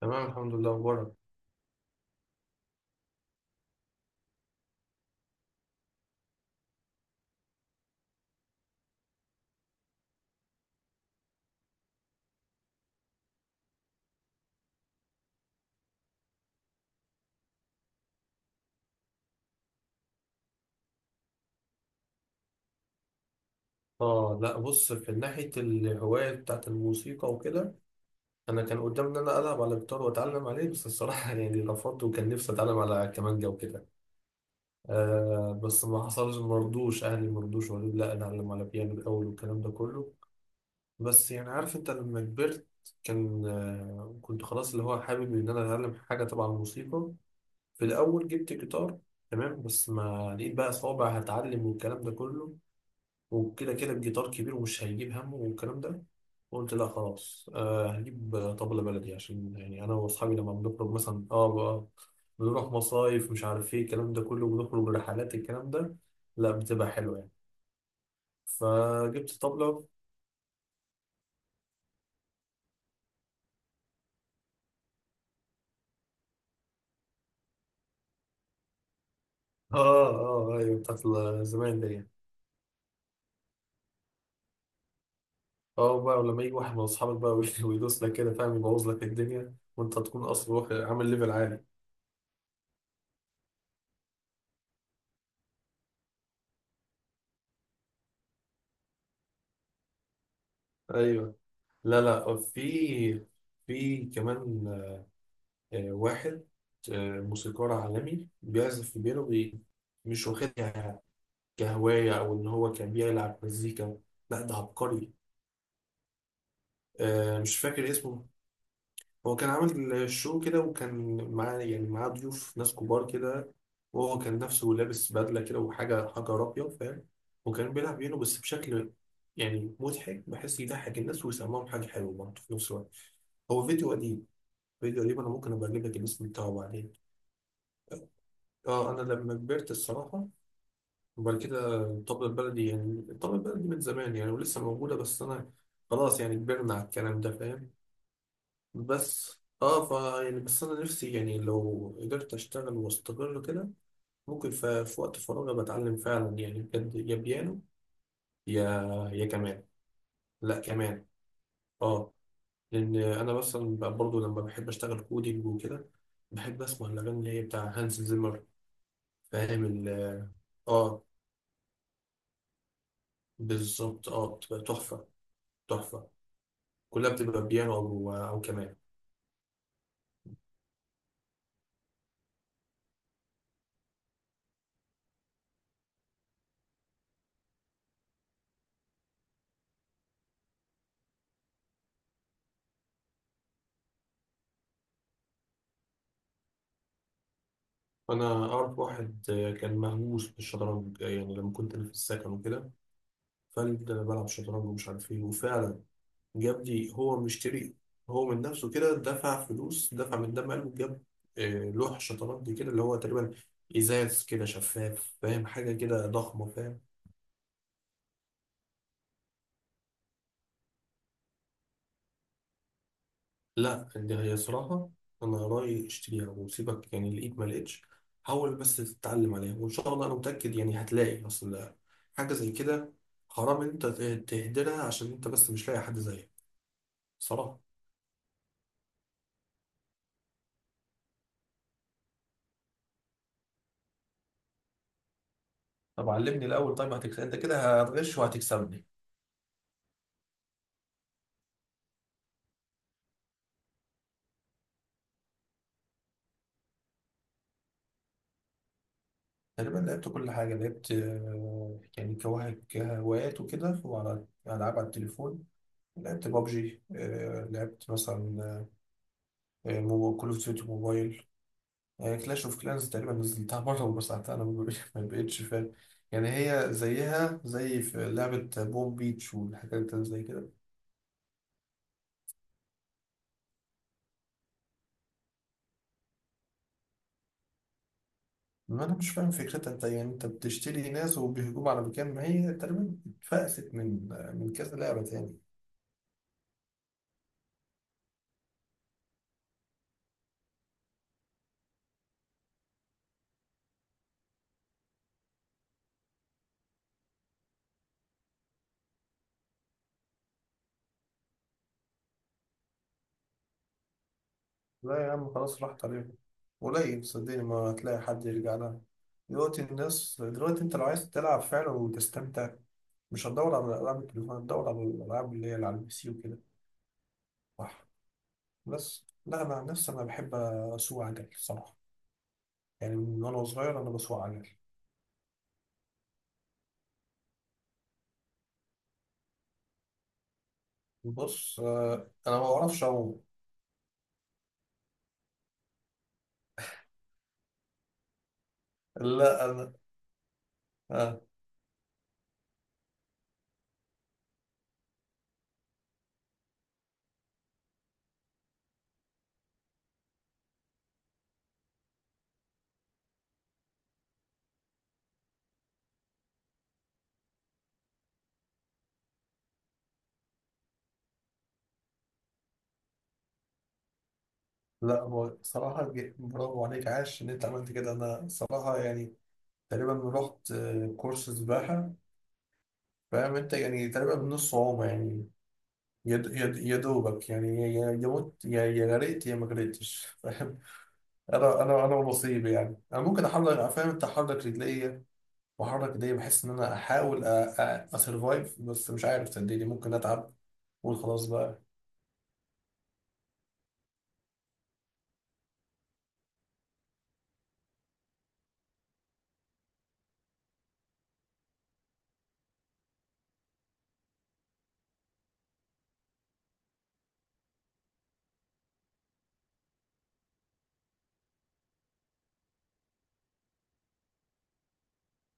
تمام، الحمد لله. اخبارك؟ اه، لا، بص، في ناحيه الهوايه بتاعت الموسيقى وكده، انا كان قدامي ان انا العب على الجيتار واتعلم عليه، بس الصراحه يعني رفضت، وكان نفسي اتعلم على كمانجا وكده. بس ما حصلش، اهلي مرضوش، وقالوا لي لا، اتعلم على بيانو الاول والكلام ده كله. بس يعني عارف انت لما كبرت، كان كنت خلاص اللي هو حابب ان انا اتعلم حاجه تبع الموسيقى. في الاول جبت جيتار، تمام، بس ما لقيت بقى صوابع هتعلم والكلام ده كله، وكده كده الجيتار كبير ومش هيجيب همه والكلام ده. قلت لا خلاص، هجيب طبلة بلدي عشان يعني أنا وأصحابي لما بنخرج مثلا، بقى بنروح مصايف، مش عارف إيه الكلام ده كله، بنخرج رحلات الكلام ده. لا، بتبقى حلوة يعني. فجبت طبلة. آه، آه، أيوة، بتاعت زمان دي يعني. بقى ولما يجي واحد من أصحابك بقى ويدوس لك كده، فاهم، يبوظ لك الدنيا وأنت تكون أصلا عامل ليفل عالي. أيوة. لا لا، في كمان واحد، موسيقار عالمي بيعزف في بيانو مش واخدها كهواية أو إن هو كان بيلعب مزيكا. لا، ده عبقري. مش فاكر اسمه. هو كان عامل شو كده، وكان معاه ضيوف ناس كبار كده، وهو كان نفسه لابس بدلة كده وحاجة حجر أبيض، فاهم. وكان بيلعب بيانو بس بشكل يعني مضحك، بحيث يضحك الناس ويسمعهم حاجة حلوة برضه في نفس الوقت. هو فيديو قديم. فيديو قديم، أنا ممكن أبقى أجيب لك الاسم بتاعه بعدين. اه، انا لما كبرت الصراحه، وبعد كده الطبله البلدي من زمان يعني، ولسه موجوده، بس انا خلاص يعني كبرنا على الكلام ده، فاهم. بس اه فا يعني بس انا نفسي، يعني لو قدرت اشتغل واستقر كده، ممكن في وقت فراغي بتعلم فعلا يعني بجد، يا بيانو يا يا كمان. لا، كمان. اه، لان انا مثلا بقى برضه لما بحب اشتغل كودينج وكده، بحب اسمع الاغاني اللي هي بتاع هانز زيمر، فاهم اه، بالظبط، اه بتبقى تحفه، تحفة. كلها بتبقى بيانو أو كمان. أنا أعرف واحد كان مهووس بالشطرنج، يعني لما كنت أنا في السكن وكده، فقال ده أنا بلعب شطرنج ومش عارف إيه. وفعلا جاب لي. هو مشتري، هو من نفسه كده، دفع فلوس، دفع من دم قلبه، جاب لوح شطرنج كده، اللي هو تقريبا إزاز كده شفاف، فاهم، حاجة كده ضخمة، فاهم. لا دي هي صراحة أنا رأيي اشتريها وسيبك، يعني لقيت ما لقيتش، حاول بس تتعلم عليها، وإن شاء الله أنا متأكد يعني هتلاقي، أصل حاجة زي كده حرام إن أنت تهدرها عشان أنت بس مش لاقي حد زيك. صراحة. طب علمني الأول، طيب هتكسب أنت كده، هتغش وهتكسبني. تقريبا لعبت كل حاجة، لعبت يعني كهوايات وكده، وعلى ألعاب على التليفون لعبت بابجي، لعبت مثلا كول أوف ديوتي موبايل. هي كلاش اوف كلانز تقريبا نزلتها مرة ومسحتها، انا ما بقيتش، فاهم. يعني هي زيها زي في لعبة بوم بيتش والحاجات اللي زي كده، ما انا مش فاهم فكرتها. انت بتشتري ناس وبيهجموا على مكان، ما هي تقريبا اتفقست من كذا لعبة تاني. لا يا عم خلاص راحت عليهم، قليل صدقني ما هتلاقي حد يرجع لها دلوقتي. الناس دلوقتي انت لو عايز تلعب فعلا وتستمتع، مش هتدور على العاب التليفون، هتدور على الالعاب اللي على البي سي وكده. بس لا، انا عن نفسي انا بحب اسوق عجل الصراحه، يعني من وانا صغير انا بسوق عجل. بص، انا ما بعرفش اعوم. لا، انا آه. لا هو صراحه برافو عليك، عاش ان انت عملت كده. انا صراحه يعني تقريبا رحت كورس سباحه، فاهم انت، يعني تقريبا بنص عومه يعني. يا دوبك يعني، يا مت يا غرقت يا ما غرقتش، فاهم. انا ونصيبي، يعني انا ممكن احرك، فاهم انت، احرك رجلي، بحرك ايديا، بحس ان انا احاول اسرفايف، بس مش عارف، صدقني ممكن اتعب واقول خلاص بقى.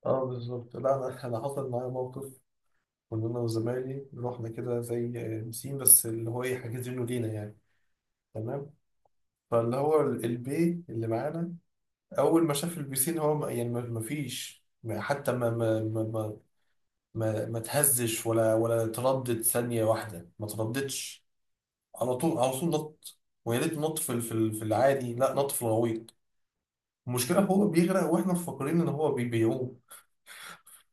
اه، بالظبط. لا انا أنا حصل معايا موقف، كنا انا وزمايلي رحنا كده زي بسين، بس اللي هو ايه حاجزينه لينا يعني، تمام. البي اللي معانا اول ما شاف البسين، هو ما فيش حتى ما ما تهزش ولا تردد ثانية واحدة ما ترددش، على طول على طول نط. ويا ريت نط في العادي، لا نط في الغويط. المشكلة هو بيغرق واحنا مفكرين ان هو بيعوم،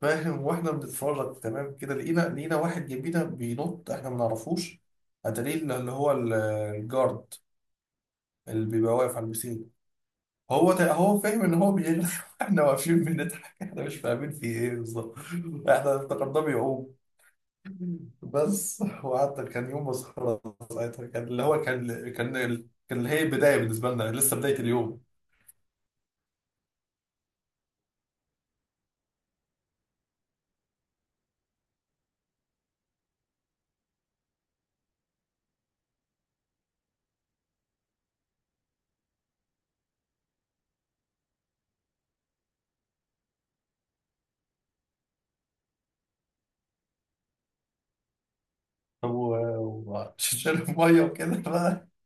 فاهم. واحنا بنتفرج تمام كده، لقينا واحد جنبينا بينط، احنا ما نعرفوش. اتاري الجارد اللي بيبقى واقف على البسين. هو هو فاهم ان هو بيغرق، احنا واقفين بنضحك، احنا مش فاهمين في ايه بالظبط، احنا افتكرناه بيعوم بس، وقعدت. كان يوم مسخرة. ساعتها كان اللي هو كان كان اللي هي البداية بالنسبة لنا، لسه بداية اليوم. هو شال المية وكده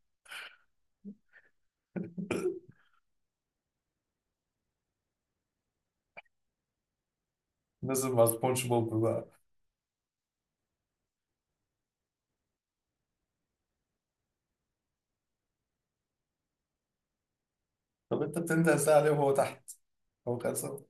نزل مع سبونج بوب بقى. طب انت بتنده الساعة ليه وهو تحت؟ هو كان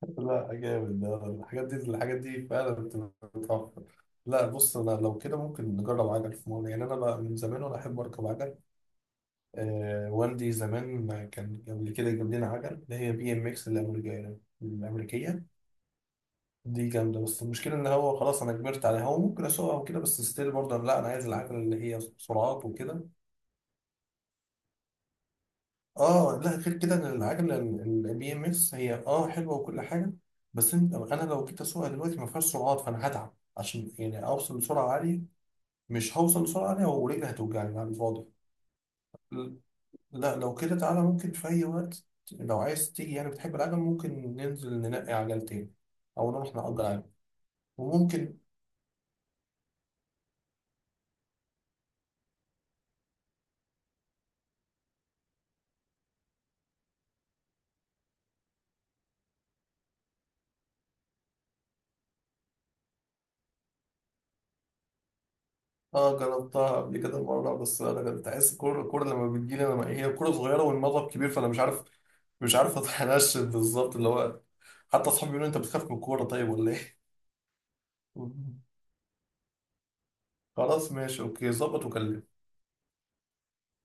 لا، جامد ده. الحاجات دي الحاجات دي فعلا بتتوفر. لا بص، انا لو كده ممكن نجرب عجل في مرة، يعني انا بقى من زمان وانا احب اركب عجل. آه، والدي زمان كان قبل كده جاب لنا عجل اللي هي BMX، الامريكيه الامريكيه دي جامده، بس المشكله ان هو خلاص انا كبرت عليها. هو ممكن اسوقها وكده بس ستيل برضه لا انا عايز العجل اللي هي سرعات وكده. اه لا، غير كده إن العجله البي ام اس هي حلوه وكل حاجه، بس انت انا لو جيت اسوقها دلوقتي ما فيهاش سرعات، فانا هتعب عشان يعني اوصل لسرعه عاليه، مش هوصل لسرعه عاليه ورجلي هتوجعني على الفاضي. ل- لا لو كده تعالى ممكن في اي وقت لو عايز تيجي، يعني بتحب العجل ممكن ننزل ننقي عجلتين، او نروح نأجر عجل. وممكن اه جربتها قبل كده مره، بس انا كنت عايز كوره. الكوره لما بتجيلي انا هي كوره صغيره والمضرب كبير، فانا مش عارف. اتنشن بالظبط اللي هو، حتى اصحابي بيقولوا انت بتخاف من الكوره طيب ولا ايه. خلاص ماشي، اوكي، ظبط وكلمني.